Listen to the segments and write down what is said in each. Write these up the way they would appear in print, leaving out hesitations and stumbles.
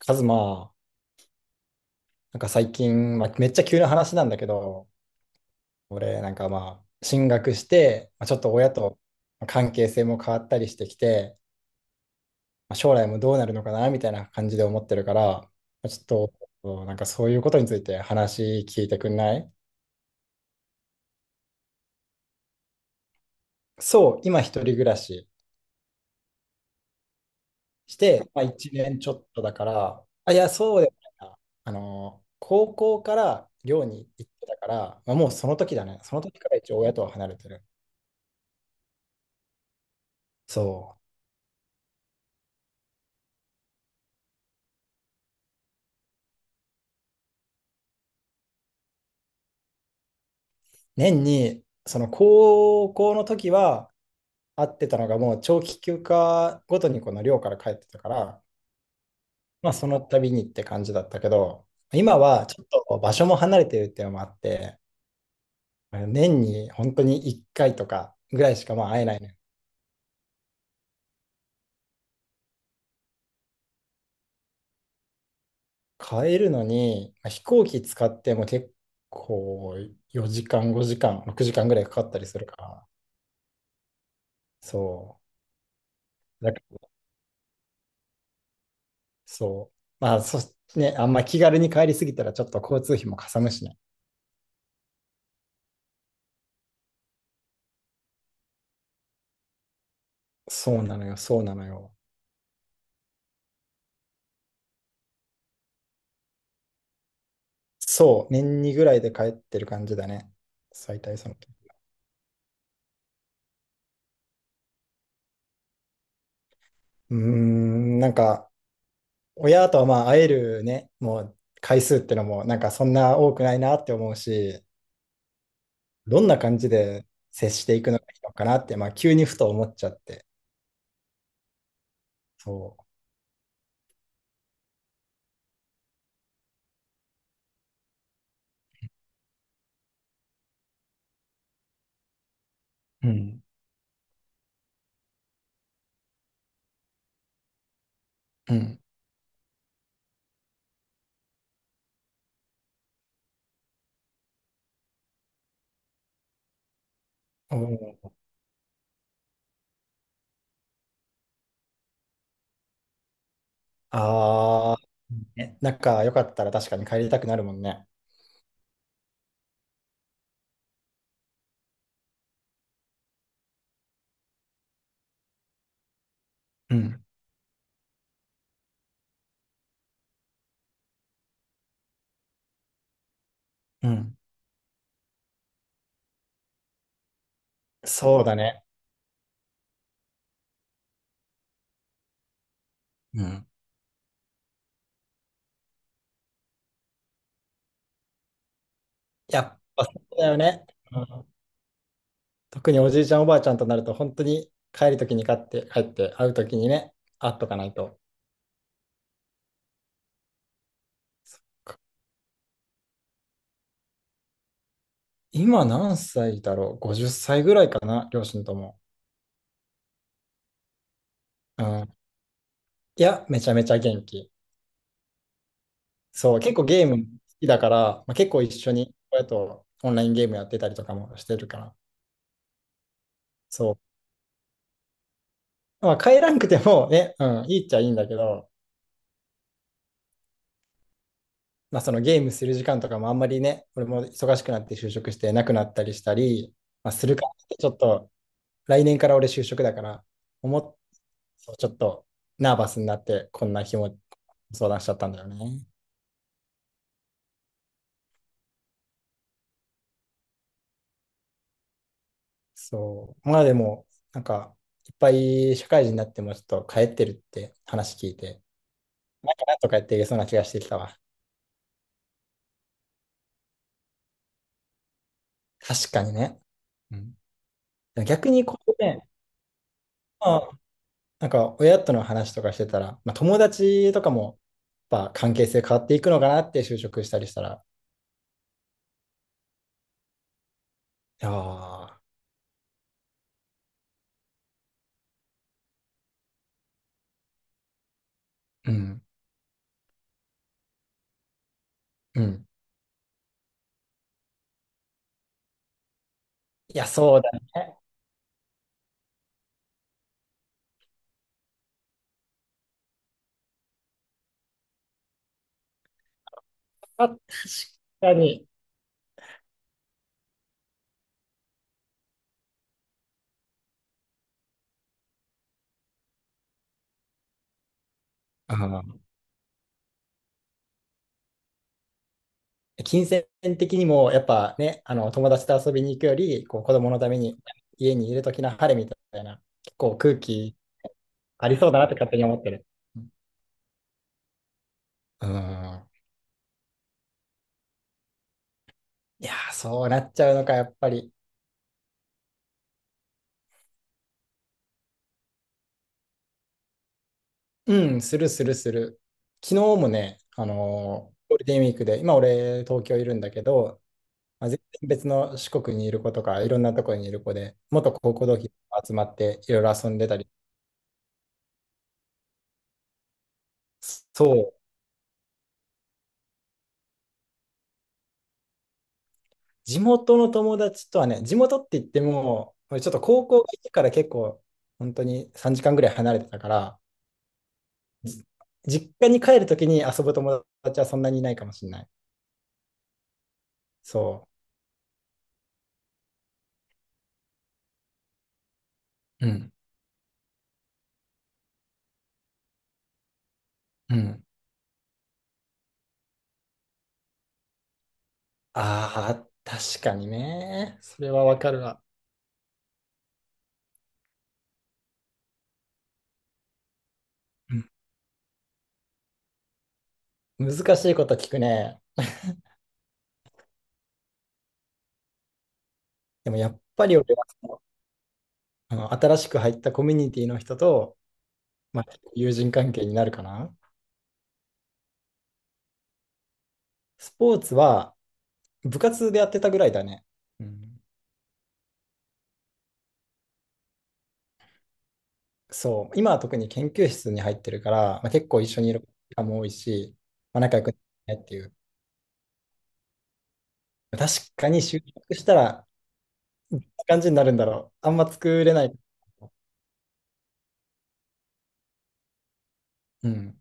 カズマ、なんか最近、まあ、めっちゃ急な話なんだけど、俺、なんかまあ、進学して、まあ、ちょっと親と関係性も変わったりしてきて、まあ、将来もどうなるのかな、みたいな感じで思ってるから、まあちょっと、なんかそういうことについて話聞いてくんない？そう、今一人暮らしして、まあ、1年ちょっとだから、あ、いや、そうでもないな。高校から寮に行ってたから、まあ、もうその時だね。その時から一応親とは離れてる。そう。年に、その高校の時は会ってたのがもう長期休暇ごとにこの寮から帰ってたから、まあその度にって感じだったけど、今はちょっと場所も離れてるっていうのもあって、年に本当に1回とかぐらいしかまあ会えないね。帰るのに、まあ飛行機使っても結構4時間、5時間、6時間ぐらいかかったりするから、そう。だからそう。まあそ、ね、あんま気軽に帰りすぎたらちょっと交通費もかさむしね。そうなのよ、そうなのよ。そう、年2ぐらいで帰ってる感じだね。最大その時。なんか、親とはまあ会えるね、もう回数ってのも、なんかそんな多くないなって思うし、どんな感じで接していくのがいいのかなって、まあ急にふと思っちゃって。そう。うん。うん。ああー、ね、仲良かったら確かに帰りたくなるもんね。うん。うん。そうだね。うん。やっぱそうだよね。うん。特におじいちゃんおばあちゃんとなると本当に帰るときに買って帰って会うときにね、会っとかないと。今何歳だろう ?50 歳ぐらいかな、両親とも。うん。いや、めちゃめちゃ元気。そう、結構ゲーム好きだから、まあ、結構一緒に親とオンラインゲームやってたりとかもしてるから。そう。まあ、帰らんくてもね、うん、いいっちゃいいんだけど、まあ、そのゲームする時間とかもあんまりね、俺も忙しくなって就職してなくなったりしたり、まあ、するからってちょっと来年から俺就職だから、思っ、ちょっとナーバスになって、こんな日も相談しちゃったんだよね。そう。まあでも、なんか、いっぱい社会人になってもちょっと帰ってるって話聞いて、なんかなんとかやっていけそうな気がしてきたわ。確かにね。うん、逆にこうね、まあ、なんか親との話とかしてたら、まあ、友達とかもやっぱ関係性変わっていくのかなって就職したりしたら、いやー、うん、うん。いや、そうだね。変わっ確かに。あー、金銭的にも、やっぱね、あの友達と遊びに行くより、こう子供のために家にいるときの晴れみたいな、結構空気ありそうだなって勝手に思ってる。うん。うん。いやー、そうなっちゃうのか、やっぱり。うん、するするする。昨日もね、ゴールデンウィークで、今俺、東京いるんだけど、まあ、全然別の四国にいる子とか、いろんなところにいる子で、元高校同期と集まっていろいろ遊んでたり、そう、地元の友達とはね、地元って言っても、俺ちょっと高校が家から結構、本当に3時間ぐらい離れてたから、じ実家に帰るときに遊ぶ友達はそんなにいないかもしれない。そう。うん。うん。ああ、確かにね。それはわかるわ。うん、難しいこと聞くね。でもやっぱり俺はその、あの新しく入ったコミュニティの人と、まあ、友人関係になるかな。スポーツは部活でやってたぐらいだね。うん。そう、今は特に研究室に入ってるから、まあ、結構一緒にいる時間も多いし、まあ、仲良くねっていう。確かに就職したら、こんな感じになるんだろう。あんま作れない。うん、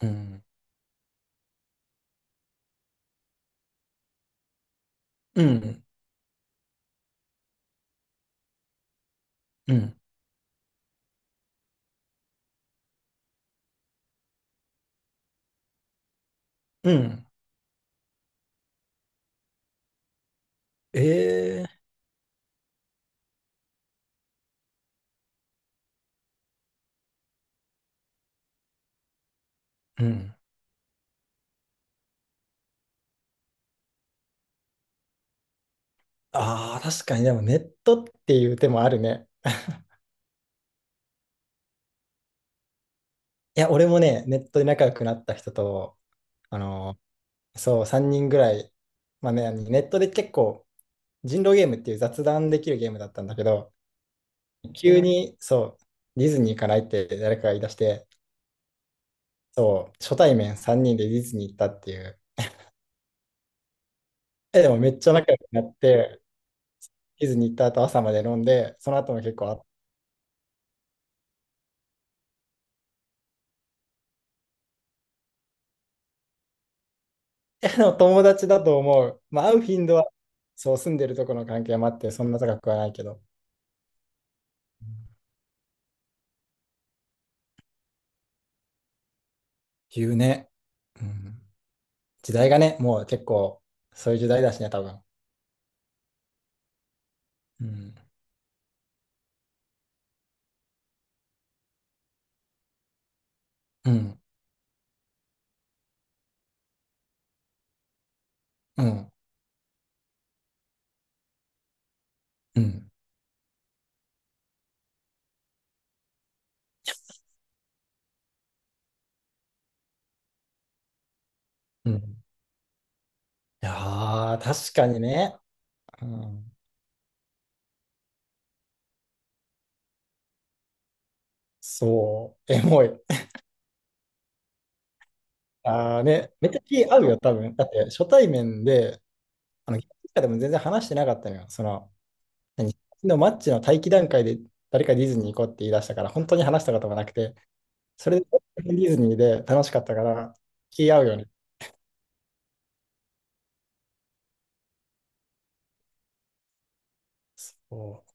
うん、うん、うん、うん。ええ、うん。ああ、確かに、でもネットっていう手もあるね。いや、俺もね、ネットで仲良くなった人と、あのそう、3人ぐらい、まあね、ネットで結構、人狼ゲームっていう雑談できるゲームだったんだけど、急に、そう、ディズニー行かないって誰かが言い出して、そう、初対面3人でディズニー行ったっていう。え、でもめっちゃ仲良くなって、ディズニー行った後朝まで飲んで、その後も結構あって、えでも友達だと思う。まあ、会う頻度は、そう、住んでるとこの関係もあって、そんな高くはないけど。っていうね。うん。時代がね、もう結構、そういう時代だしね、多分。うん。うん。うん。うん。うん。いやー、確かにね。うん。そう、エモい。ああ、で、めっちゃ気合うよ、多分。だって、初対面で、ゲームとかでも全然話してなかったのよ。その、何のマッチの待機段階で誰かディズニー行こうって言い出したから、本当に話したこともなくて、それでディズニーで楽しかったから、気合うよね。そう